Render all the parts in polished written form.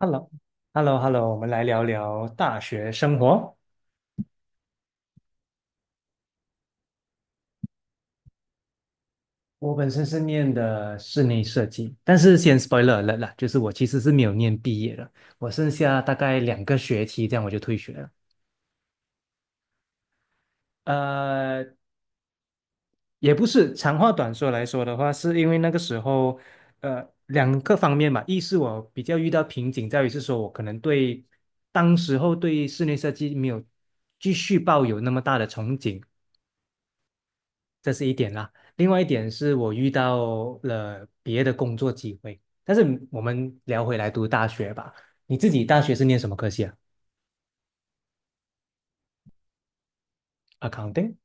Hello hello hello 我们来聊聊大学生活。我本身是念的室内设计，但是先 spoiler 了啦，就是我其实是没有念毕业的，我剩下大概2个学期，这样我就退学了。呃，也不是，长话短说来说的话，是因为那个时候，2个方面吧，一是我比较遇到瓶颈，在于是说我可能对当时候对室内设计没有继续抱有那么大的憧憬。这是一点啦。另外一点是我遇到了别的工作机会，但是我们聊回来读大学吧。你自己大学是念什么科系啊？Accounting？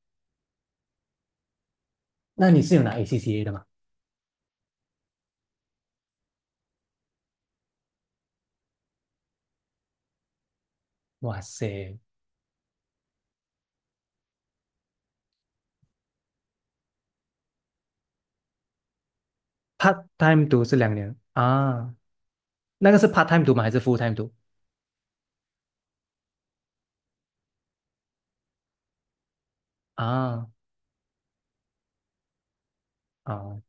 那你是有拿 ACCA 的吗？哇塞，part time 读是2年啊？那个是 part time 读吗？还是 full time 读啊？啊，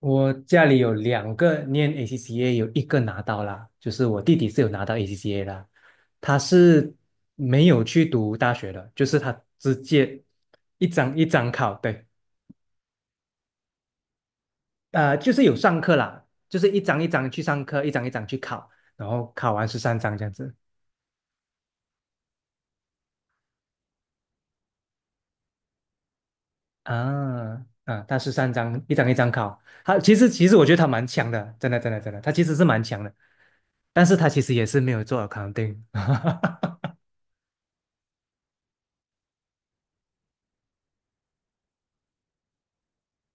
我家里有两个念 ACCA，有一个拿到啦，就是我弟弟是有拿到 ACCA 啦，他是没有去读大学的，就是他直接一张一张考，对。就是有上课啦，就是一张一张去上课，一张一张去考，然后考完十三张这样子啊啊。他十三张一张一张考，他其实我觉得他蛮强的，真的真的真的，他其实是蛮强的，但是他其实也是没有做 accounting。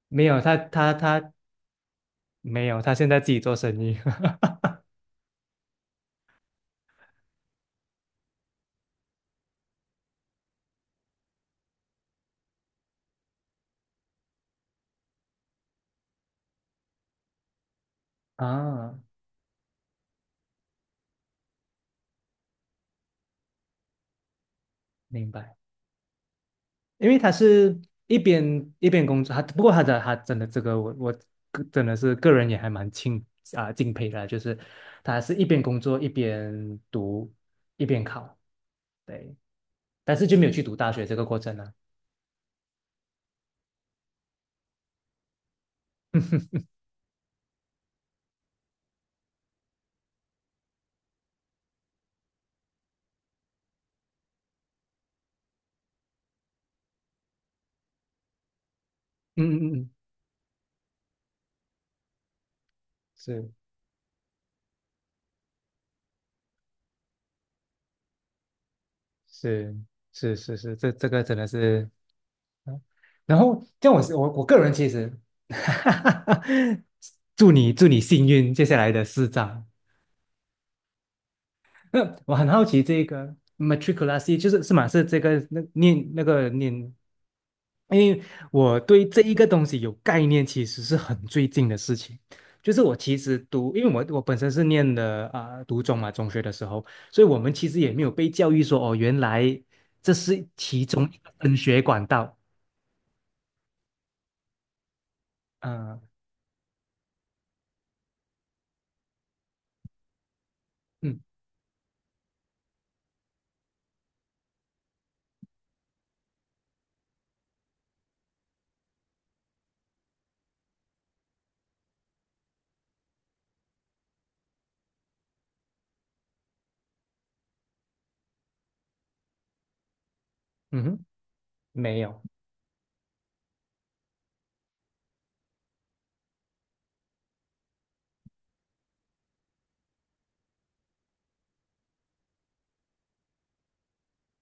没有，他没有，他现在自己做生意。啊，明白。因为他是一边工作，他不过他的他真的这个我个真的是个人也还蛮敬佩的，就是他是一边工作一边读一边考，对，但是就没有去读大学这个过程了。嗯嗯嗯，嗯，是是是是是，这个真的是。嗯，然后像我是我我个人其实，祝你幸运接下来的4张。那我很好奇这个 matriculati 就是马是这个那念那个念，因为我对这一个东西有概念，其实是很最近的事情。就是我其实读，因为我本身是念的啊、读中嘛，中学的时候，所以我们其实也没有被教育说哦，原来这是其中一个升学管道。啊、嗯，嗯哼。没有，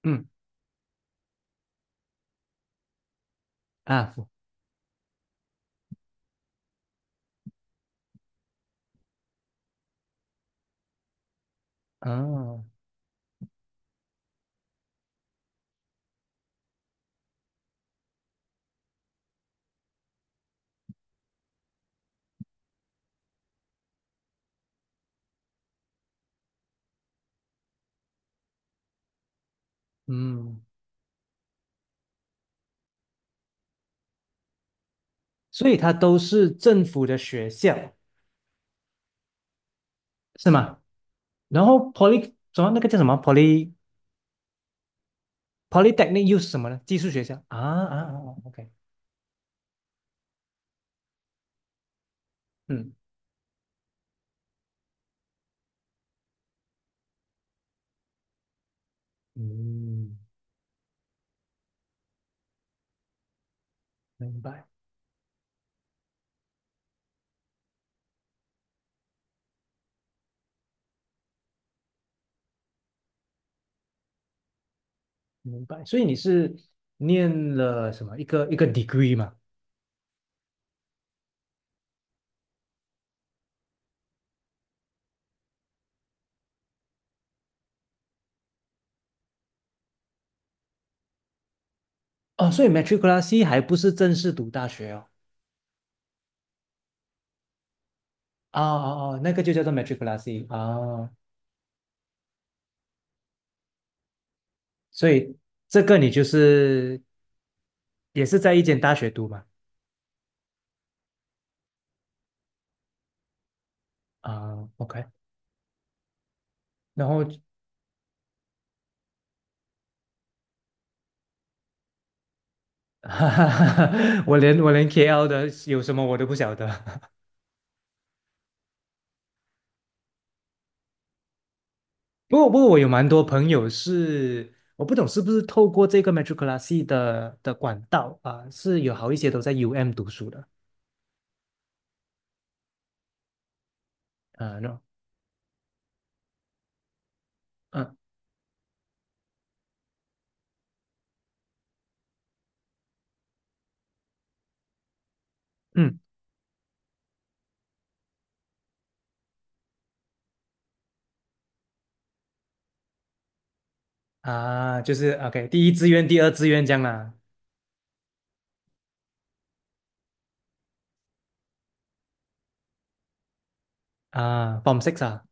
嗯，啊，嗯嗯，所以它都是政府的学校，是吗？然后 poly 什么那个叫什么 polytechnic 又是什么呢？技术学校啊啊啊啊，OK，嗯，嗯，明白明白。所以你是念了什么一个一个 degree 嘛？哦，所以 matriculasi 还不是正式读大学哦。哦哦哦，那个就叫做 matriculasi 啊。哦，所以这个你就是也是在一间大学读嘛？啊，OK，然后 哈哈哈，我连 KL 的有什么我都不晓得。不过我有蛮多朋友是，我不懂是不是透过这个 metroclassy 的管道啊、是有好一些都在 UM 读书的。啊，那嗯嗯啊，就是 OK，第一志愿、第二志愿这样啦。啊，Form Six 啊，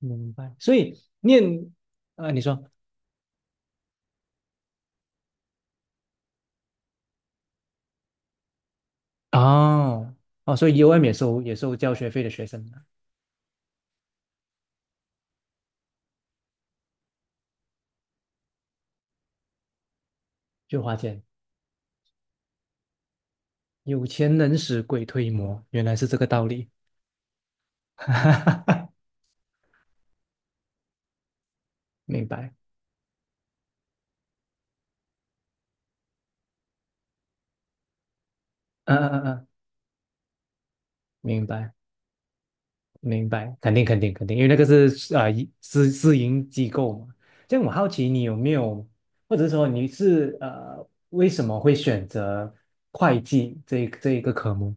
明白。所以念啊，你说哦哦，所以 UM 也收交学费的学生啊，就花钱。有钱能使鬼推磨，原来是这个道理。哈哈哈哈，明白。嗯嗯嗯，明白明白，肯定肯定肯定，因为那个是啊、私营机构嘛。这样我好奇你有没有，或者说你是为什么会选择会计这一个科目？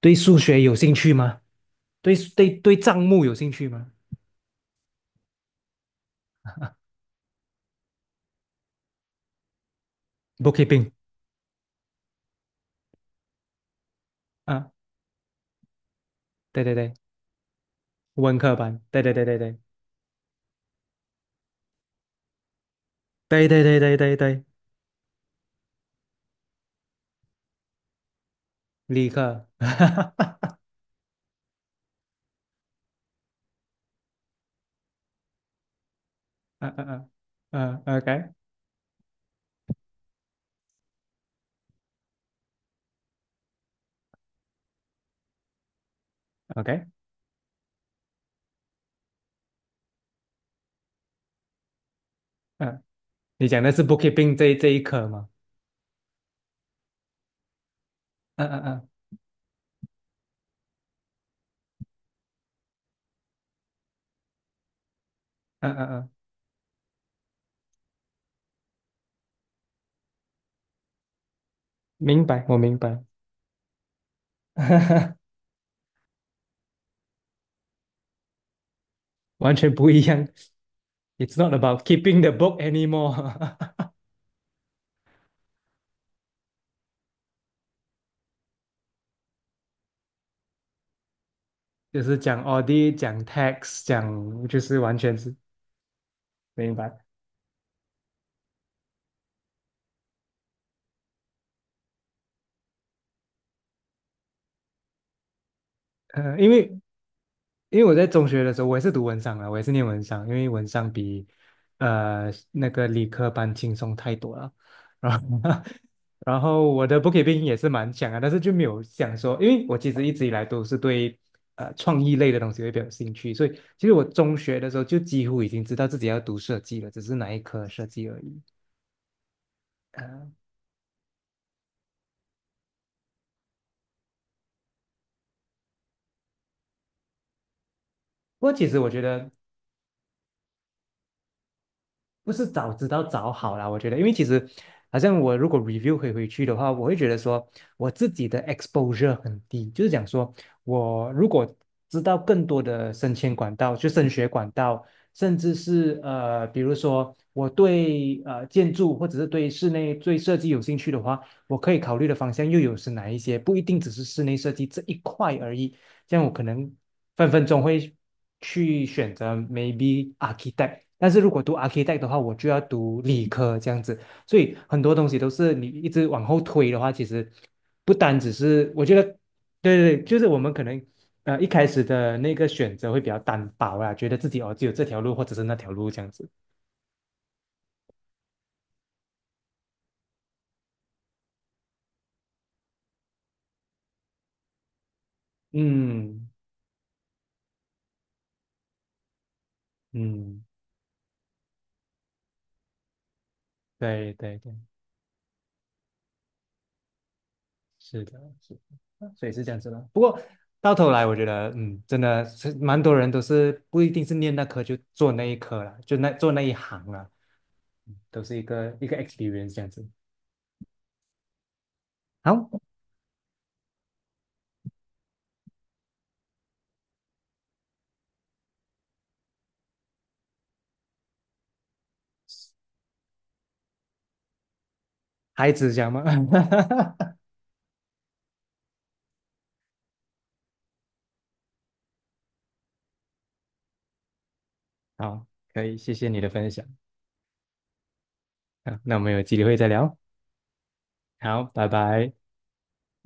对数学有兴趣吗？对对对，账目有兴趣吗？Bookkeeping 啊，对对对，文科班，对对对对对对对对对对对，理科。嗯嗯嗯嗯，OK OK，嗯，你讲的是 bookkeeping 这一科吗？嗯嗯嗯嗯嗯嗯，明白，我明白，完全不一样。It's not about keeping the book anymore，就是讲 audit，讲 tax，讲就是完全是。明白。呃，因为因为我在中学的时候，我也是读文商的，我也是念文商，因为文商比那个理科班轻松太多了。然后我的 bookkeeping 也是蛮强啊，但是就没有想说，因为我其实一直以来都是对创意类的东西会比较有兴趣，所以其实我中学的时候就几乎已经知道自己要读设计了，只是哪一科设计而已。呃，不过其实我觉得不是早知道早好啦，我觉得，因为其实好像我如果 review 回去的话，我会觉得说我自己的 exposure 很低，就是讲说我如果知道更多的升迁管道，就升学管道，甚至是比如说我对建筑或者是对室内对设计有兴趣的话，我可以考虑的方向又有是哪一些？不一定只是室内设计这一块而已。这样我可能分分钟会去选择 maybe architect，但是如果读 architect 的话，我就要读理科这样子，所以很多东西都是你一直往后推的话，其实不单只是我觉得，对对对，就是我们可能一开始的那个选择会比较单薄啦，觉得自己哦只有这条路或者是那条路这样子，嗯嗯，对对对。是的，是的，啊，所以是这样子的。不过到头来，我觉得，嗯，真的是蛮多人都是不一定是念那科就做那一科了，就那做那一行了，嗯都是一个一个 experience 这样子。好，孩子讲吗？好，可以，谢谢你的分享。啊。那我们有机会再聊哦。好，拜拜。